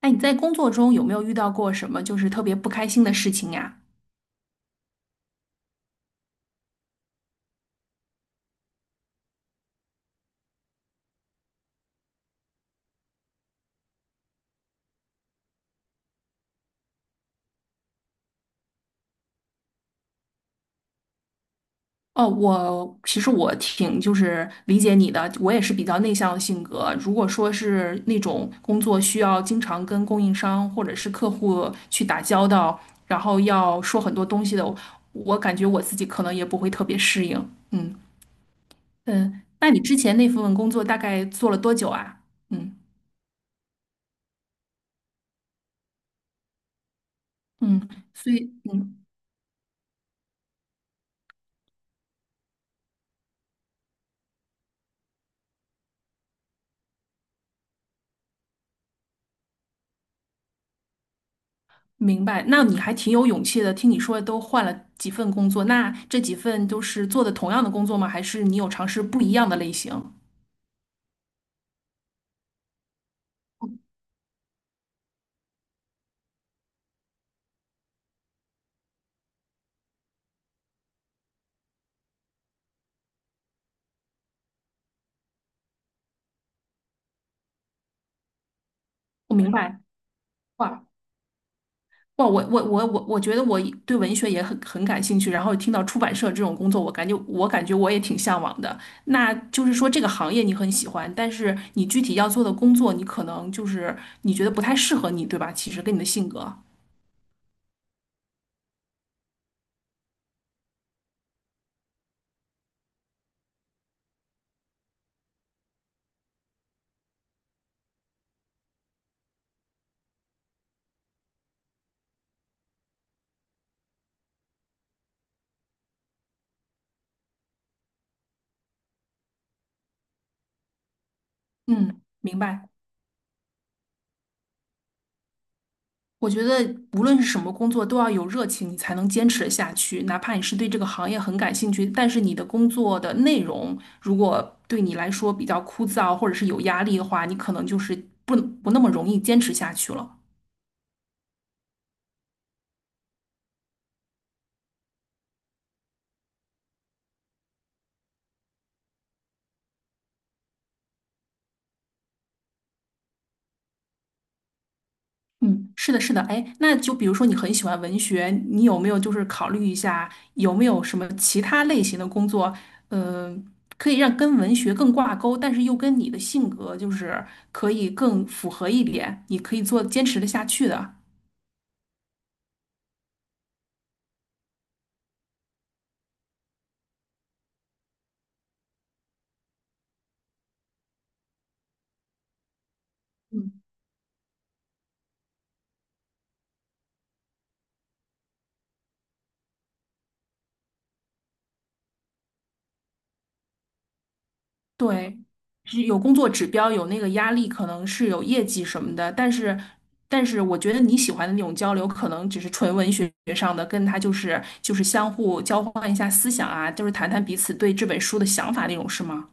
哎，你在工作中有没有遇到过什么就是特别不开心的事情呀？哦，我其实挺就是理解你的，我也是比较内向的性格。如果说是那种工作需要经常跟供应商或者是客户去打交道，然后要说很多东西的，我感觉我自己可能也不会特别适应。嗯。嗯，那你之前那份工作大概做了多久啊？嗯。嗯，所以嗯。明白，那你还挺有勇气的。听你说都换了几份工作，那这几份都是做的同样的工作吗？还是你有尝试不一样的类型？我明白。哇。哇，我觉得我对文学也很感兴趣，然后听到出版社这种工作，我感觉我也挺向往的。那就是说这个行业你很喜欢，但是你具体要做的工作，你可能就是你觉得不太适合你，对吧？其实跟你的性格，嗯，明白。我觉得无论是什么工作，都要有热情，你才能坚持得下去。哪怕你是对这个行业很感兴趣，但是你的工作的内容如果对你来说比较枯燥，或者是有压力的话，你可能就是不不那么容易坚持下去了。嗯，是的，是的。哎，那就比如说你很喜欢文学，你有没有就是考虑一下，有没有什么其他类型的工作，呃，可以让跟文学更挂钩，但是又跟你的性格就是可以更符合一点，你可以做坚持的下去的。对，是有工作指标，有那个压力，可能是有业绩什么的，但是，但是我觉得你喜欢的那种交流，可能只是纯文学上的，跟他就是相互交换一下思想啊，就是谈谈彼此对这本书的想法那种，是吗？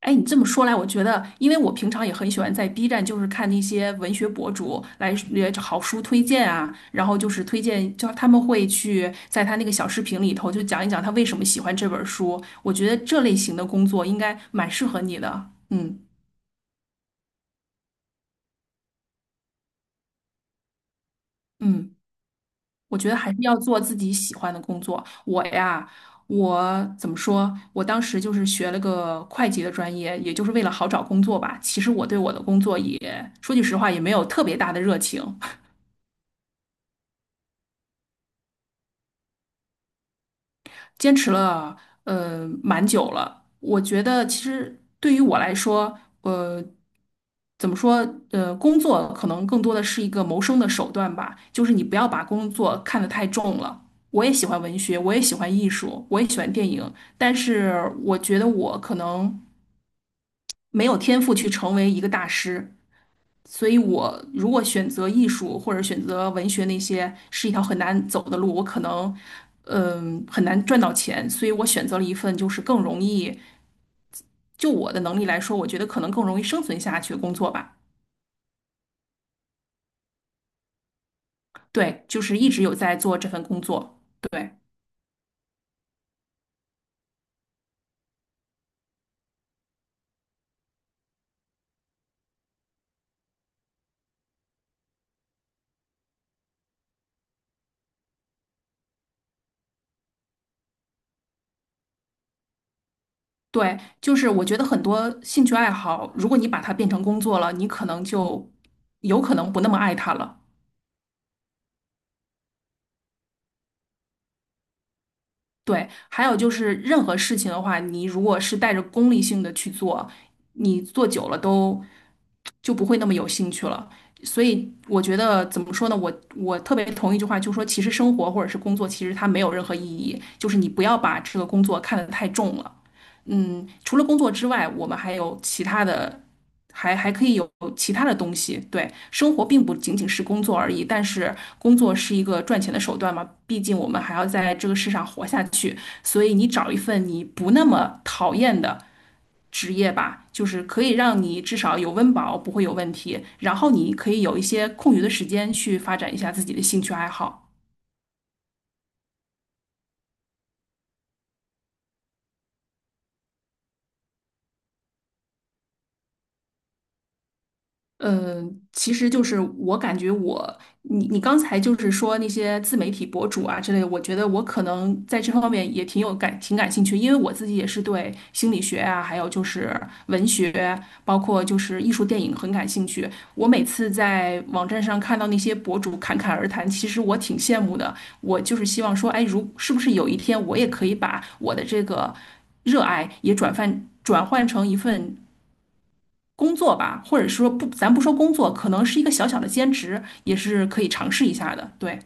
哎，你这么说来，我觉得，因为我平常也很喜欢在 B 站，就是看那些文学博主来也好书推荐啊，然后就是推荐，就他们会去在他那个小视频里头就讲一讲他为什么喜欢这本书。我觉得这类型的工作应该蛮适合你的。嗯。嗯，我觉得还是要做自己喜欢的工作。我呀，我怎么说？我当时就是学了个会计的专业，也就是为了好找工作吧。其实我对我的工作也，说句实话，也没有特别大的热情。坚持了蛮久了。我觉得其实对于我来说，怎么说，工作可能更多的是一个谋生的手段吧，就是你不要把工作看得太重了。我也喜欢文学，我也喜欢艺术，我也喜欢电影，但是我觉得我可能没有天赋去成为一个大师。所以我如果选择艺术或者选择文学那些是一条很难走的路，我可能很难赚到钱，所以我选择了一份就是更容易，就我的能力来说，我觉得可能更容易生存下去的工作吧。对，就是一直有在做这份工作。对。对，就是我觉得很多兴趣爱好，如果你把它变成工作了，你可能就有可能不那么爱它了。对，还有就是任何事情的话，你如果是带着功利性的去做，你做久了都就不会那么有兴趣了。所以我觉得怎么说呢？我特别同意一句话，就是说，其实生活或者是工作，其实它没有任何意义，就是你不要把这个工作看得太重了。嗯，除了工作之外，我们还有其他的，还可以有其他的东西。对，生活并不仅仅是工作而已，但是工作是一个赚钱的手段嘛，毕竟我们还要在这个世上活下去。所以你找一份你不那么讨厌的职业吧，就是可以让你至少有温饱，不会有问题。然后你可以有一些空余的时间去发展一下自己的兴趣爱好。嗯，其实就是我感觉我，你刚才就是说那些自媒体博主啊之类的，我觉得我可能在这方面也挺有感，挺感兴趣，因为我自己也是对心理学啊，还有就是文学，包括就是艺术电影很感兴趣。我每次在网站上看到那些博主侃侃而谈，其实我挺羡慕的。我就是希望说，哎，如是不是有一天我也可以把我的这个热爱也转换成一份。工作吧，或者说不，咱不说工作，可能是一个小小的兼职，也是可以尝试一下的。对，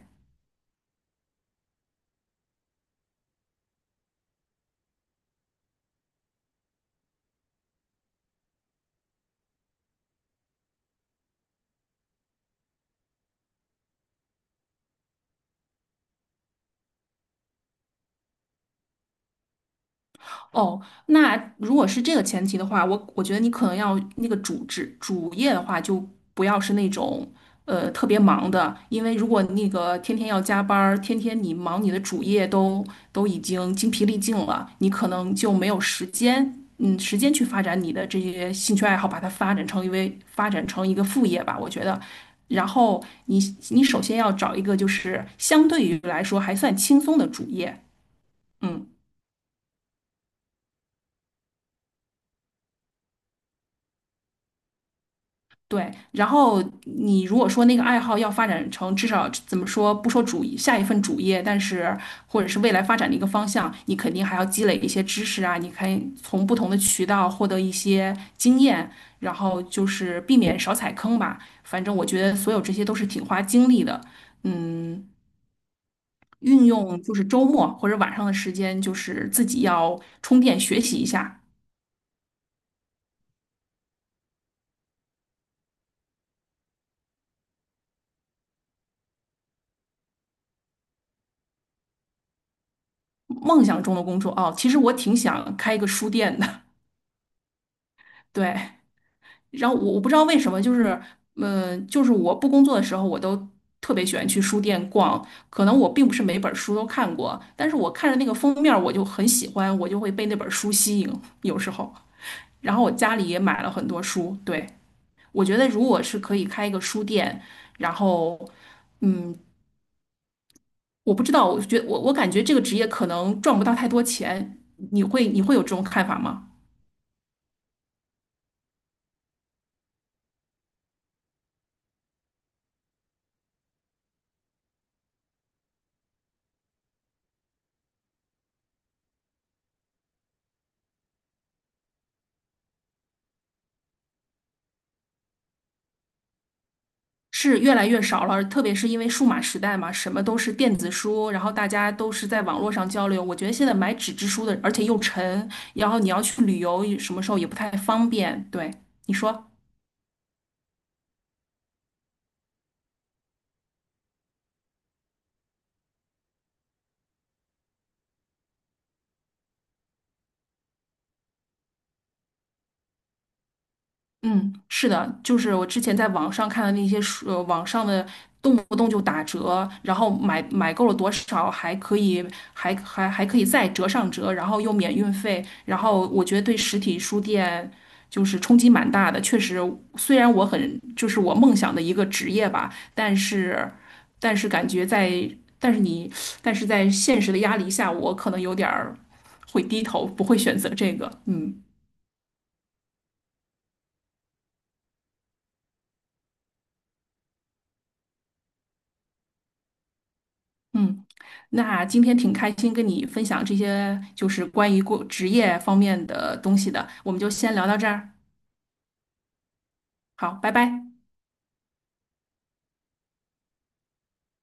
哦，那如果是这个前提的话，我觉得你可能要那个主职主业的话，就不要是那种特别忙的，因为如果那个天天要加班儿，天天你忙你的主业都已经精疲力尽了，你可能就没有时间，嗯，时间去发展你的这些兴趣爱好，把它发展成一个副业吧，我觉得。然后你你首先要找一个就是相对于来说还算轻松的主业，嗯。对，然后你如果说那个爱好要发展成至少怎么说，不说下一份主业，但是或者是未来发展的一个方向，你肯定还要积累一些知识啊，你可以从不同的渠道获得一些经验，然后就是避免少踩坑吧。反正我觉得所有这些都是挺花精力的，嗯，运用就是周末或者晚上的时间，就是自己要充电学习一下梦想中的工作。哦，其实我挺想开一个书店的，对。然后我不知道为什么，就是，就是我不工作的时候，我都特别喜欢去书店逛。可能我并不是每本书都看过，但是我看着那个封面儿我就很喜欢，我就会被那本书吸引。有时候，然后我家里也买了很多书。对，我觉得如果是可以开一个书店，然后，嗯，我不知道，我感觉这个职业可能赚不到太多钱。你会有这种看法吗？是越来越少了，特别是因为数码时代嘛，什么都是电子书，然后大家都是在网络上交流。我觉得现在买纸质书的，而且又沉，然后你要去旅游，什么时候也不太方便。对，你说。嗯，是的，就是我之前在网上看的那些书，网上的动不动就打折，然后买够了多少还可以，还可以再折上折，然后又免运费，然后我觉得对实体书店就是冲击蛮大的。确实，虽然我很就是我梦想的一个职业吧，但是但是感觉在但是你但是在现实的压力下，我可能有点儿会低头，不会选择这个。嗯。嗯，那今天挺开心跟你分享这些，就是关于过职业方面的东西的，我们就先聊到这儿。好，拜拜。